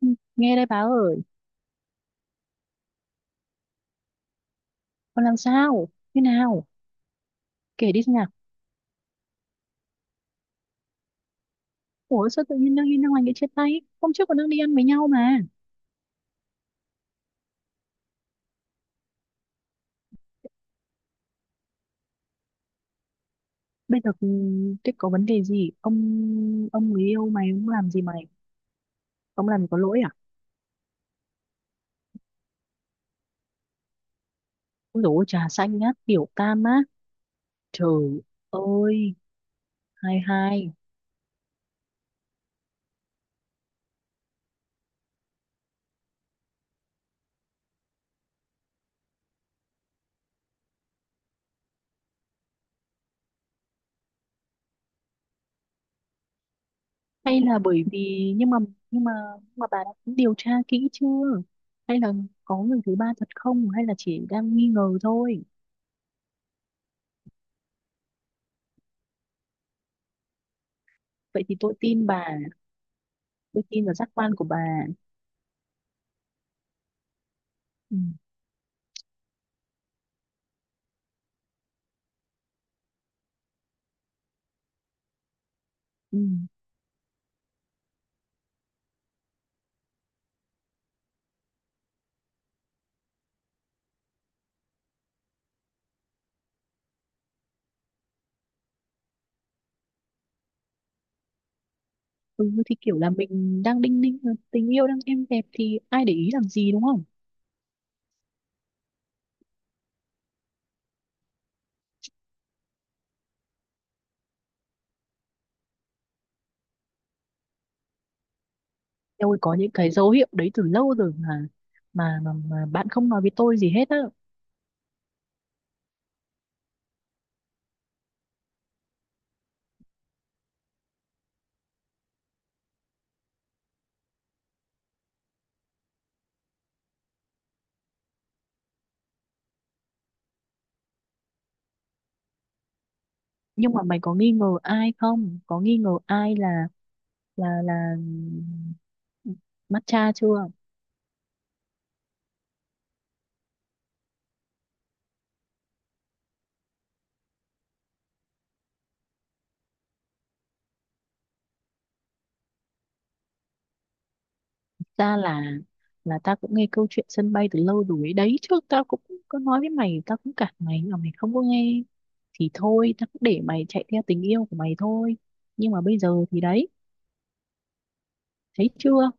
Ừ, nghe đây bà ơi. Con làm sao thế nào, kể đi xem nào. Ủa sao tự nhiên đang đi Năng Anh lại chia tay, hôm trước còn đang đi ăn với nhau mà. Bây giờ ừ, thế có vấn đề gì ông, người yêu mày ông làm gì mày, ông làm gì có lỗi à? Ôi dồi ôi, trà xanh á, tiểu tam á? Trời ơi hai hai. Hay là bởi vì nhưng mà nhưng mà bà đã điều tra kỹ chưa, hay là có người thứ ba thật không hay là chỉ đang nghi ngờ thôi? Vậy thì tôi tin bà, tôi tin vào giác quan của bà. Ừ. Ừ. Ừ thì kiểu là mình đang đinh ninh mà, tình yêu đang êm đẹp thì ai để ý làm gì đúng không? Tôi có những cái dấu hiệu đấy từ lâu rồi mà, mà bạn không nói với tôi gì hết á. Nhưng mà mày có nghi ngờ ai không? Có nghi ngờ ai là là là ừ, matcha chưa? Ra là ta cũng nghe câu chuyện sân bay từ lâu rồi ấy. Đấy trước tao cũng có nói với mày, tao cũng cản mày nhưng mà mày không có nghe, thì thôi tao cũng để mày chạy theo tình yêu của mày thôi. Nhưng mà bây giờ thì đấy, thấy chưa?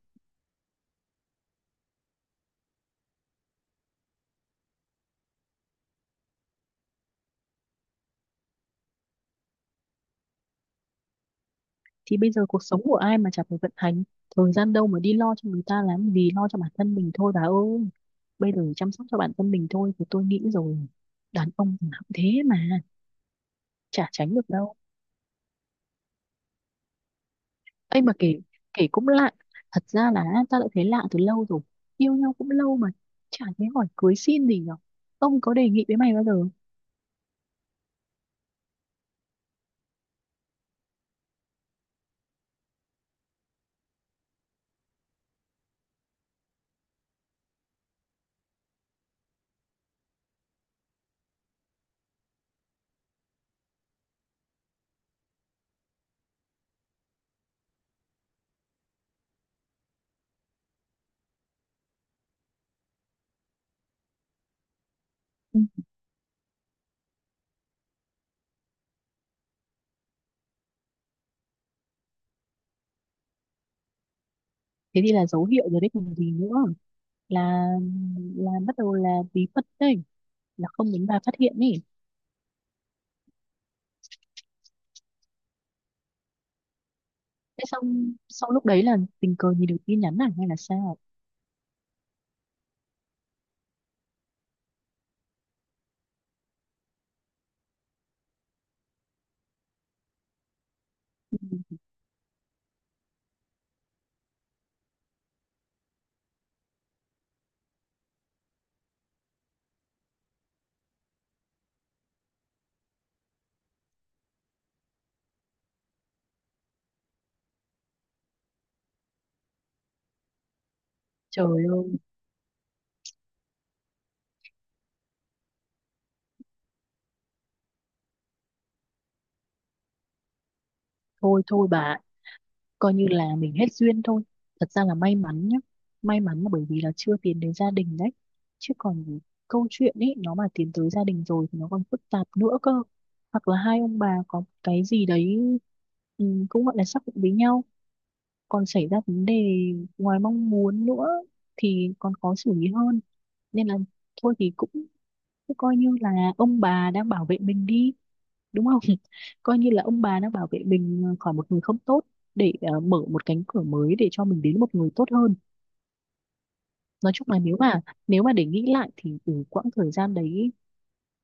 Thì bây giờ cuộc sống của ai mà chả phải vận hành, thời gian đâu mà đi lo cho người ta làm gì, lo cho bản thân mình thôi bà ơi. Bây giờ chăm sóc cho bản thân mình thôi thì tôi nghĩ rồi, đàn ông thì nó cũng thế mà, chả tránh được đâu. Ấy mà kể, kể cũng lạ. Thật ra là ta đã thấy lạ từ lâu rồi, yêu nhau cũng lâu mà chả thấy hỏi cưới xin gì nhở. Ông có đề nghị với mày bao giờ? Ừ. Thế thì là dấu hiệu rồi đấy còn gì nữa, là bắt đầu là bí mật đấy, là không muốn bà phát hiện ý. Thế xong sau lúc đấy là tình cờ nhìn được tin nhắn này hay là sao? Ừ, trời ơi, thôi thôi bà, coi như là mình hết duyên thôi. Thật ra là may mắn nhá. May mắn là bởi vì là chưa tiến đến gia đình đấy. Chứ còn câu chuyện ấy nó mà tiến tới gia đình rồi thì nó còn phức tạp nữa cơ. Hoặc là hai ông bà có cái gì đấy, ừ, cũng gọi là xác định với nhau. Còn xảy ra vấn đề ngoài mong muốn nữa thì còn khó xử lý hơn. Nên là thôi thì cũng thế, coi như là ông bà đang bảo vệ mình đi, đúng không? Coi như là ông bà đang bảo vệ mình khỏi một người không tốt, để mở một cánh cửa mới để cho mình đến một người tốt hơn. Nói chung là nếu mà, nếu mà để nghĩ lại thì từ quãng thời gian đấy,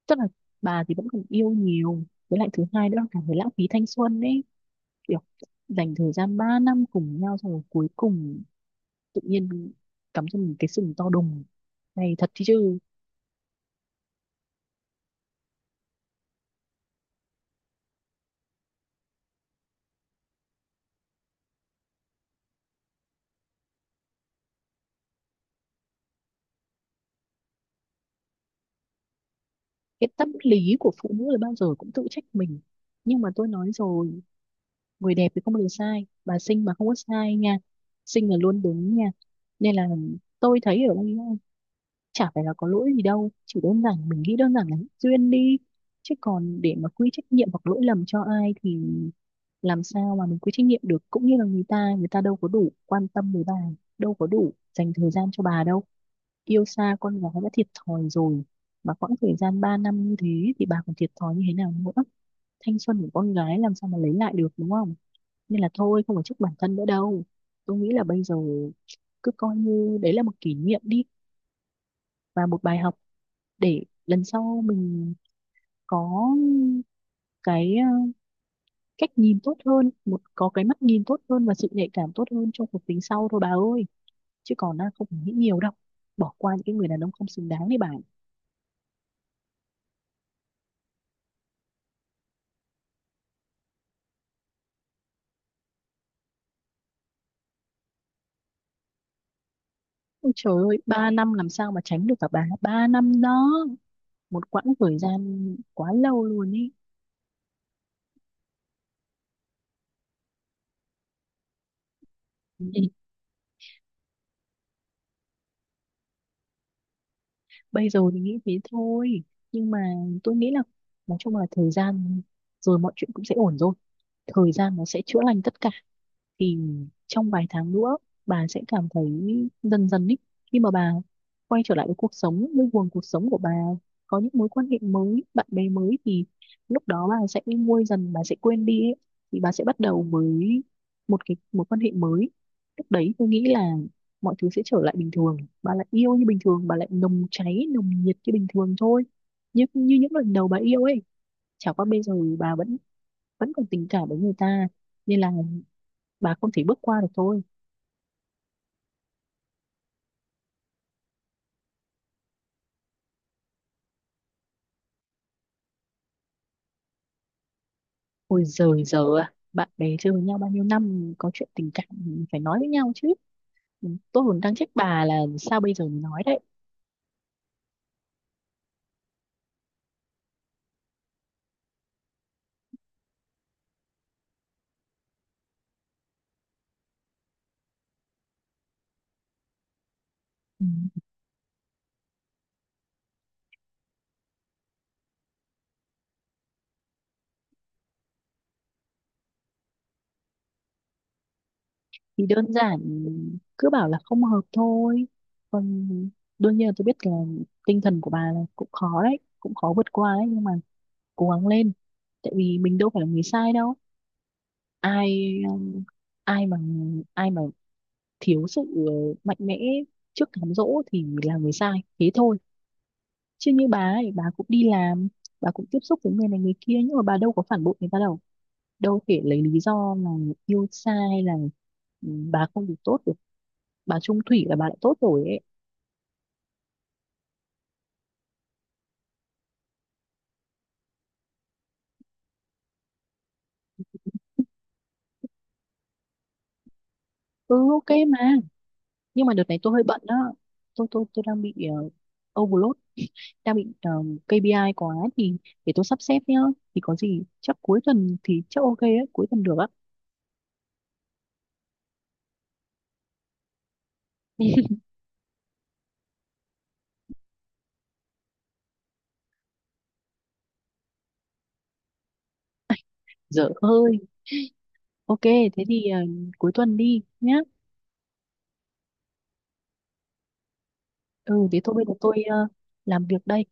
tức là bà thì vẫn còn yêu nhiều, với lại thứ hai nữa là cảm thấy lãng phí thanh xuân ấy, kiểu dành thời gian 3 năm cùng nhau xong rồi cuối cùng tự nhiên cắm cho mình cái sừng to đùng này, thật chứ. Cái tâm lý của phụ nữ là bao giờ cũng tự trách mình, nhưng mà tôi nói rồi, người đẹp thì không bao giờ sai, bà xinh mà không có sai nha, xinh là luôn đúng nha. Nên là tôi thấy ở ông ấy chả phải là có lỗi gì đâu, chỉ đơn giản mình nghĩ đơn giản là duyên đi. Chứ còn để mà quy trách nhiệm hoặc lỗi lầm cho ai thì làm sao mà mình quy trách nhiệm được, cũng như là người ta, người ta đâu có đủ quan tâm với bà, đâu có đủ dành thời gian cho bà đâu. Yêu xa con gái đã thiệt thòi rồi, mà quãng thời gian 3 năm như thế thì bà còn thiệt thòi như thế nào nữa. Thanh xuân của con gái làm sao mà lấy lại được đúng không. Nên là thôi không phải trách bản thân nữa đâu, tôi nghĩ là bây giờ cứ coi như đấy là một kỷ niệm đi, và một bài học để lần sau mình có cái cách nhìn tốt hơn, một có cái mắt nhìn tốt hơn và sự nhạy cảm tốt hơn trong cuộc tình sau thôi bà ơi. Chứ còn không phải nghĩ nhiều đâu, bỏ qua những cái người đàn ông không xứng đáng đấy bà. Ôi trời ơi ba năm làm sao mà tránh được cả bà, ba năm đó, một quãng thời gian quá lâu luôn ý. Nên bây giờ thì nghĩ thế thôi, nhưng mà tôi nghĩ là, nói chung là thời gian rồi mọi chuyện cũng sẽ ổn thôi, thời gian nó sẽ chữa lành tất cả. Thì trong vài tháng nữa bà sẽ cảm thấy dần dần ý, khi mà bà quay trở lại với cuộc sống, với guồng cuộc sống của bà, có những mối quan hệ mới, bạn bè mới, thì lúc đó bà sẽ nguôi dần, bà sẽ quên đi ấy. Thì bà sẽ bắt đầu với một cái mối quan hệ mới, lúc đấy tôi nghĩ là mọi thứ sẽ trở lại bình thường, bà lại yêu như bình thường, bà lại nồng cháy nồng nhiệt như bình thường thôi, như như những lần đầu bà yêu ấy. Chả qua bây giờ bà vẫn vẫn còn tình cảm với người ta nên là bà không thể bước qua được thôi. Ôi giời giờ à, bạn bè chơi với nhau bao nhiêu năm có chuyện tình cảm phải nói với nhau chứ. Tôi còn đang trách bà là sao bây giờ mới nói đấy. Ừ. Thì đơn giản cứ bảo là không hợp thôi. Còn đương nhiên là tôi biết là tinh thần của bà là cũng khó đấy, cũng khó vượt qua đấy nhưng mà cố gắng lên. Tại vì mình đâu phải là người sai đâu. Ai ai mà ai mà thiếu sự mạnh mẽ trước cám dỗ thì là người sai. Thế thôi. Chứ như bà ấy, bà cũng đi làm, bà cũng tiếp xúc với người này người kia nhưng mà bà đâu có phản bội người ta đâu. Đâu thể lấy lý do là yêu xa hay là ừ, bà không được tốt được, bà chung thủy là bà đã tốt rồi ấy. Ừ, ok mà nhưng mà đợt này tôi hơi bận đó, tôi đang bị overload, đang bị KPI quá thì để tôi sắp xếp nhá, thì có gì chắc cuối tuần thì chắc ok ấy, cuối tuần được á. Dở hơi. Ok thế thì cuối tuần đi nhá. Ừ thế thôi bây giờ tôi làm việc đây.